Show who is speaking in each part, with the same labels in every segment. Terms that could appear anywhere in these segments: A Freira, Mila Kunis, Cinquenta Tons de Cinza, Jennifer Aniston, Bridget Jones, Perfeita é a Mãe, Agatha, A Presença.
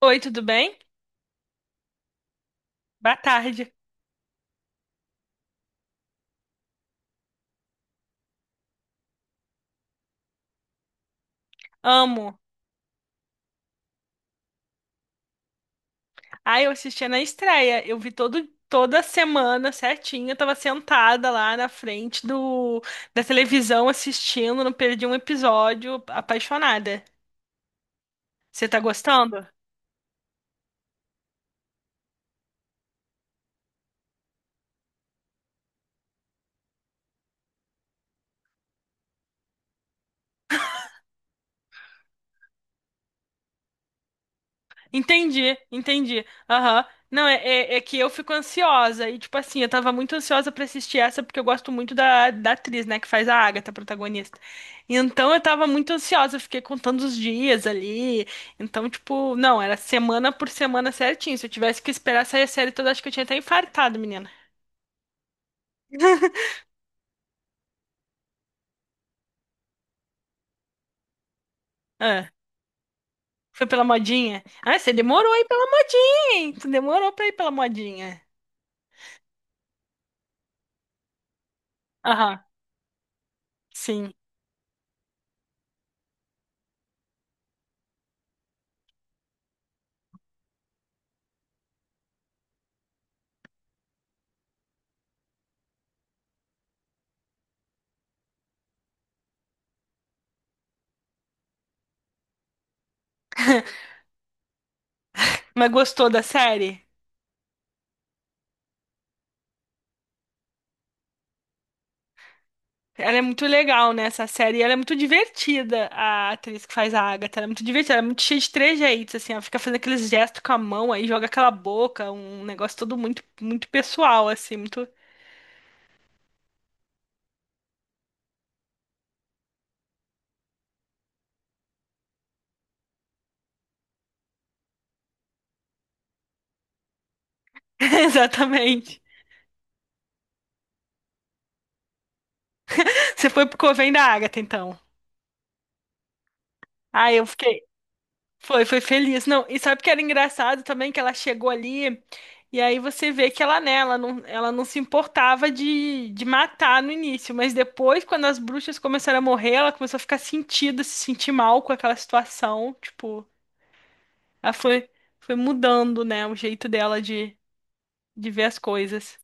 Speaker 1: Oi, tudo bem? Boa tarde. Amo. Ai, eu assistia na estreia. Eu vi toda semana certinho. Eu tava sentada lá na frente da televisão assistindo, não perdi um episódio, apaixonada. Você tá gostando? Entendi, entendi. Aham. Não, é que eu fico ansiosa. E, tipo assim, eu tava muito ansiosa pra assistir essa, porque eu gosto muito da atriz, né, que faz a Agatha, a protagonista. Então eu tava muito ansiosa, eu fiquei contando os dias ali. Então, tipo, não, era semana por semana certinho. Se eu tivesse que esperar sair a série toda, acho que eu tinha até infartado, menina. Ah, foi pela modinha? Ah, você demorou aí pela modinha, hein? Tu demorou pra ir pela modinha. Aham, sim. Mas gostou da série? Ela é muito legal, né, essa série. E ela é muito divertida, a atriz que faz a Agatha. Ela é muito divertida, ela é muito cheia de trejeitos, assim. Ela fica fazendo aqueles gestos com a mão, aí joga aquela boca, um negócio todo muito, muito pessoal, assim, muito. Exatamente. Você foi pro Coven da Agatha, então. Ah, eu fiquei. Foi feliz. Não, e sabe o que era engraçado também que ela chegou ali e aí você vê que ela, né, ela não se importava de matar no início, mas depois, quando as bruxas começaram a morrer, ela começou a ficar sentida, se sentir mal com aquela situação. Tipo, ela foi mudando, né, o jeito dela de ver as coisas.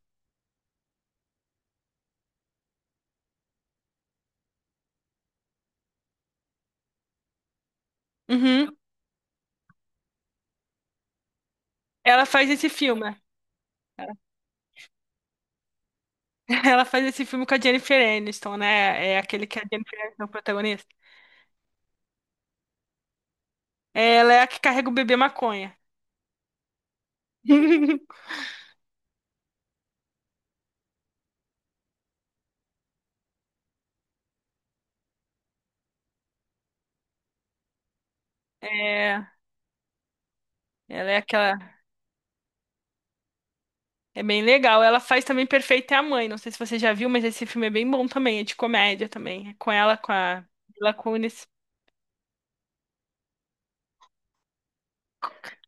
Speaker 1: Uhum. Ela faz esse filme. Ela faz esse filme com a Jennifer Aniston, né? É aquele que a Jennifer Aniston é o protagonista. Ela é a que carrega o bebê maconha. É. Ela é aquela. É bem legal. Ela faz também Perfeita é a Mãe. Não sei se você já viu, mas esse filme é bem bom também. É de comédia também. É com ela, com a Mila Kunis.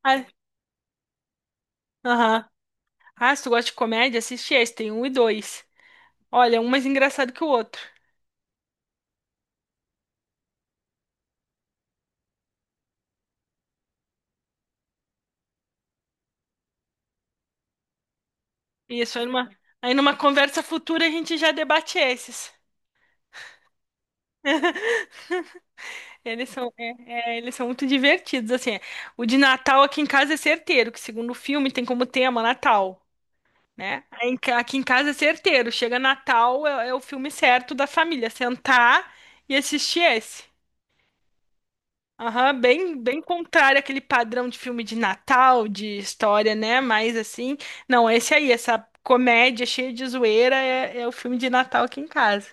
Speaker 1: Ah, aham. Ah, se tu gosta de comédia, assiste esse. Tem um e dois. Olha, um mais engraçado que o outro. Isso, aí numa conversa futura a gente já debate esses. Eles são, é- eles são muito divertidos, assim. O de Natal aqui em casa é certeiro, que segundo o filme tem como tema Natal, né? Aqui em casa é certeiro. Chega Natal, é o filme certo da família. Sentar e assistir esse. Aham, bem contrário àquele padrão de filme de Natal, de história, né? Mais assim. Não, esse aí, essa comédia cheia de zoeira é o filme de Natal aqui em casa.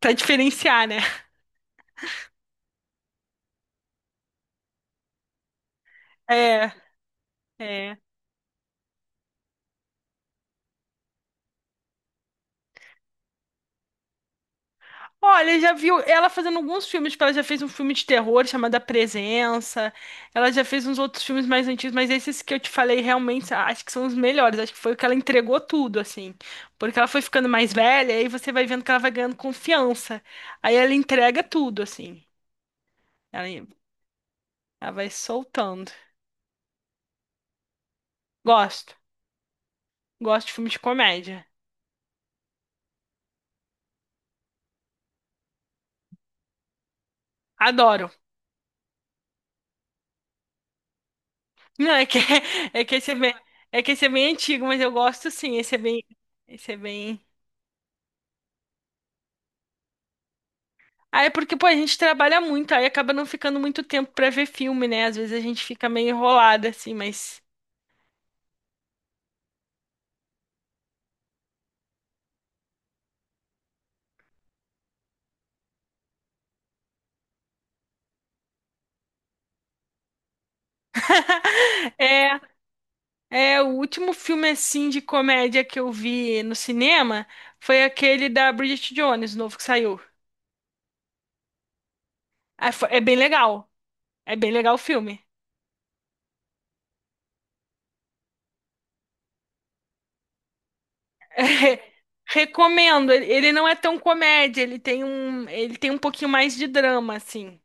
Speaker 1: Pra diferenciar, né? É, é. Olha, já viu ela fazendo alguns filmes, tipo, ela já fez um filme de terror chamado A Presença, ela já fez uns outros filmes mais antigos, mas esses que eu te falei realmente acho que são os melhores, acho que foi o que ela entregou tudo, assim, porque ela foi ficando mais velha, aí você vai vendo que ela vai ganhando confiança, aí ela entrega tudo, assim, ela, ela vai soltando. Gosto, gosto de filme de comédia, adoro. Não, é que, é que esse é bem, é que esse é bem antigo, mas eu gosto sim, esse é bem. Ah, é porque, pô, a gente trabalha muito, aí acaba não ficando muito tempo pra ver filme, né? Às vezes a gente fica meio enrolada, assim, mas. É, o último filme, assim, de comédia que eu vi no cinema foi aquele da Bridget Jones, novo que saiu. Ah, É bem legal. É bem legal o filme. Recomendo. Ele não é tão comédia, ele tem um pouquinho mais de drama, assim.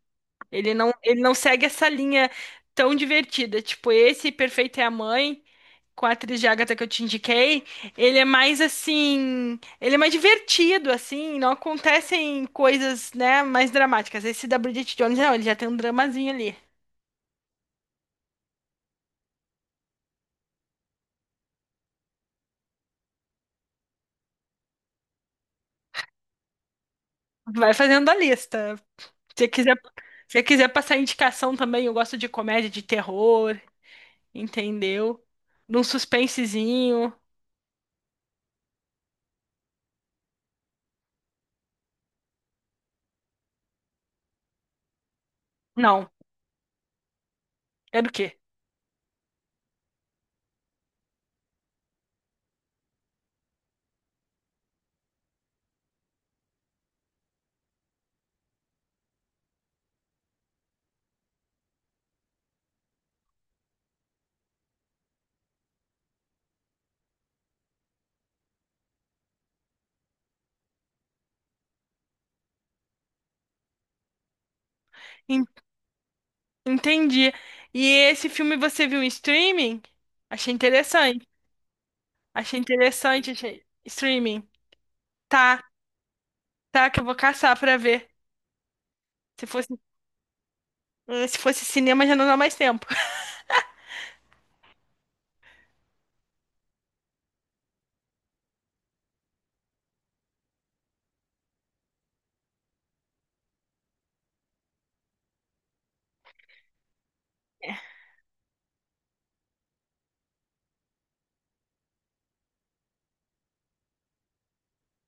Speaker 1: Ele não segue essa linha tão divertida. Tipo, esse Perfeito é a Mãe, com a atriz de Agatha que eu te indiquei, ele é mais assim. Ele é mais divertido, assim. Não acontecem coisas, né, mais dramáticas. Esse da Bridget Jones, não, ele já tem um dramazinho ali. Vai fazendo a lista. Se quiser, se quiser passar indicação também, eu gosto de comédia, de terror, entendeu? De um suspensezinho. Não, é do quê? Entendi. E esse filme você viu em streaming? Achei interessante. Achei interessante, achei streaming. Tá, tá, que eu vou caçar pra ver. Se fosse, se fosse cinema, já não dá mais tempo.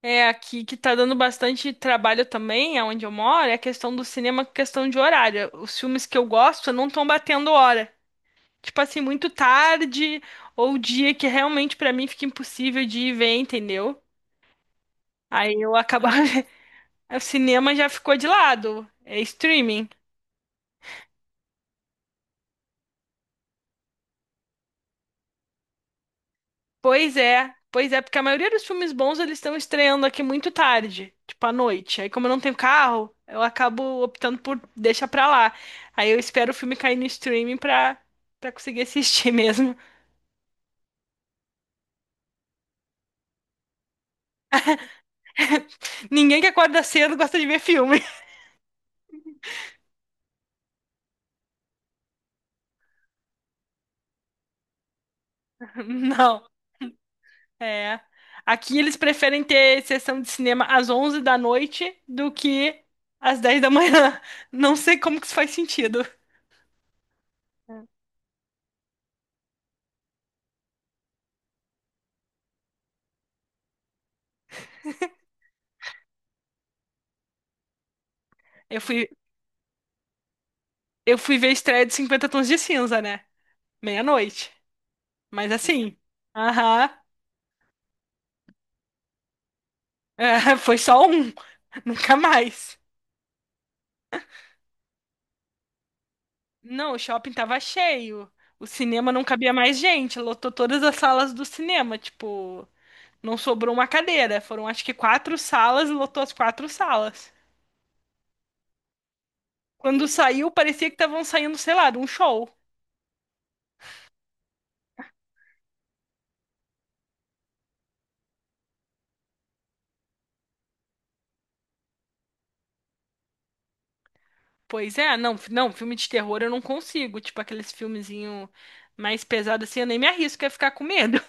Speaker 1: É, aqui que tá dando bastante trabalho também, aonde eu moro, é a questão do cinema, questão de horário. Os filmes que eu gosto não estão batendo hora. Tipo assim, muito tarde ou dia que realmente pra mim fica impossível de ir ver, entendeu? Aí eu acabo. O cinema já ficou de lado. É streaming. Pois é, porque a maioria dos filmes bons eles estão estreando aqui muito tarde, tipo à noite. Aí, como eu não tenho carro, eu acabo optando por deixar pra lá. Aí eu espero o filme cair no streaming pra conseguir assistir mesmo. Ninguém que acorda cedo gosta de ver filme. Não, é. Aqui eles preferem ter sessão de cinema às 11 da noite do que às 10 da manhã. Não sei como que isso faz sentido. Eu fui, eu fui ver a estreia de Cinquenta Tons de Cinza, né? Meia-noite. Mas assim, aham, é, foi só um, nunca mais. Não, o shopping tava cheio. O cinema não cabia mais gente, lotou todas as salas do cinema, tipo, não sobrou uma cadeira. Foram acho que quatro salas e lotou as quatro salas. Quando saiu, parecia que estavam saindo, sei lá, de um show. Pois é, não, não, filme de terror eu não consigo, tipo aqueles filmezinho mais pesados assim, eu nem me arrisco a ficar com medo.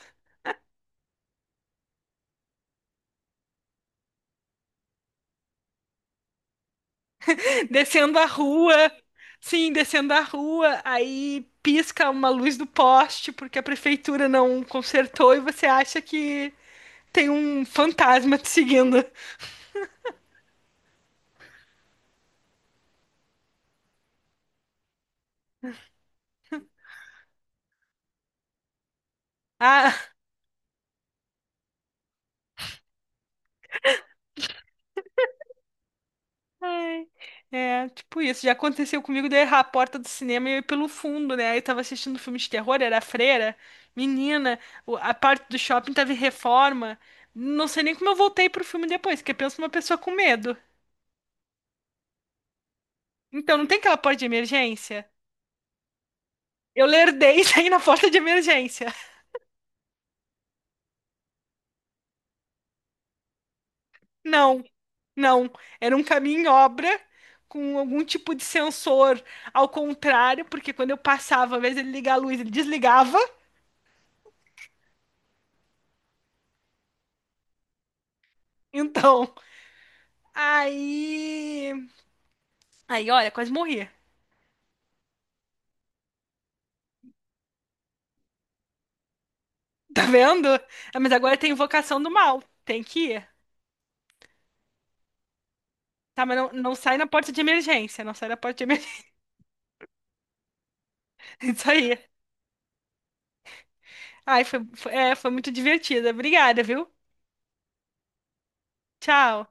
Speaker 1: Descendo a rua, sim, descendo a rua, aí pisca uma luz do poste porque a prefeitura não consertou e você acha que tem um fantasma te seguindo. Ah, ai, é, tipo isso. Já aconteceu comigo de eu errar a porta do cinema e eu ir pelo fundo, né? Aí eu tava assistindo um filme de terror, era a Freira. Menina, a parte do shopping tava em reforma. Não sei nem como eu voltei pro filme depois, porque penso numa pessoa com medo. Então, não tem aquela porta de emergência? Eu lerdei e saí na porta de emergência. Não, não. Era um caminho em obra com algum tipo de sensor ao contrário, porque quando eu passava, ao invés de ele ligar a luz, ele desligava. Então, aí. Aí, olha, quase morri. Tá vendo? Ah, mas agora tem invocação do mal. Tem que ir. Tá, mas não, não sai na porta de emergência. Não sai na porta de emergência. Isso aí. Ai, foi muito divertida. Obrigada, viu? Tchau.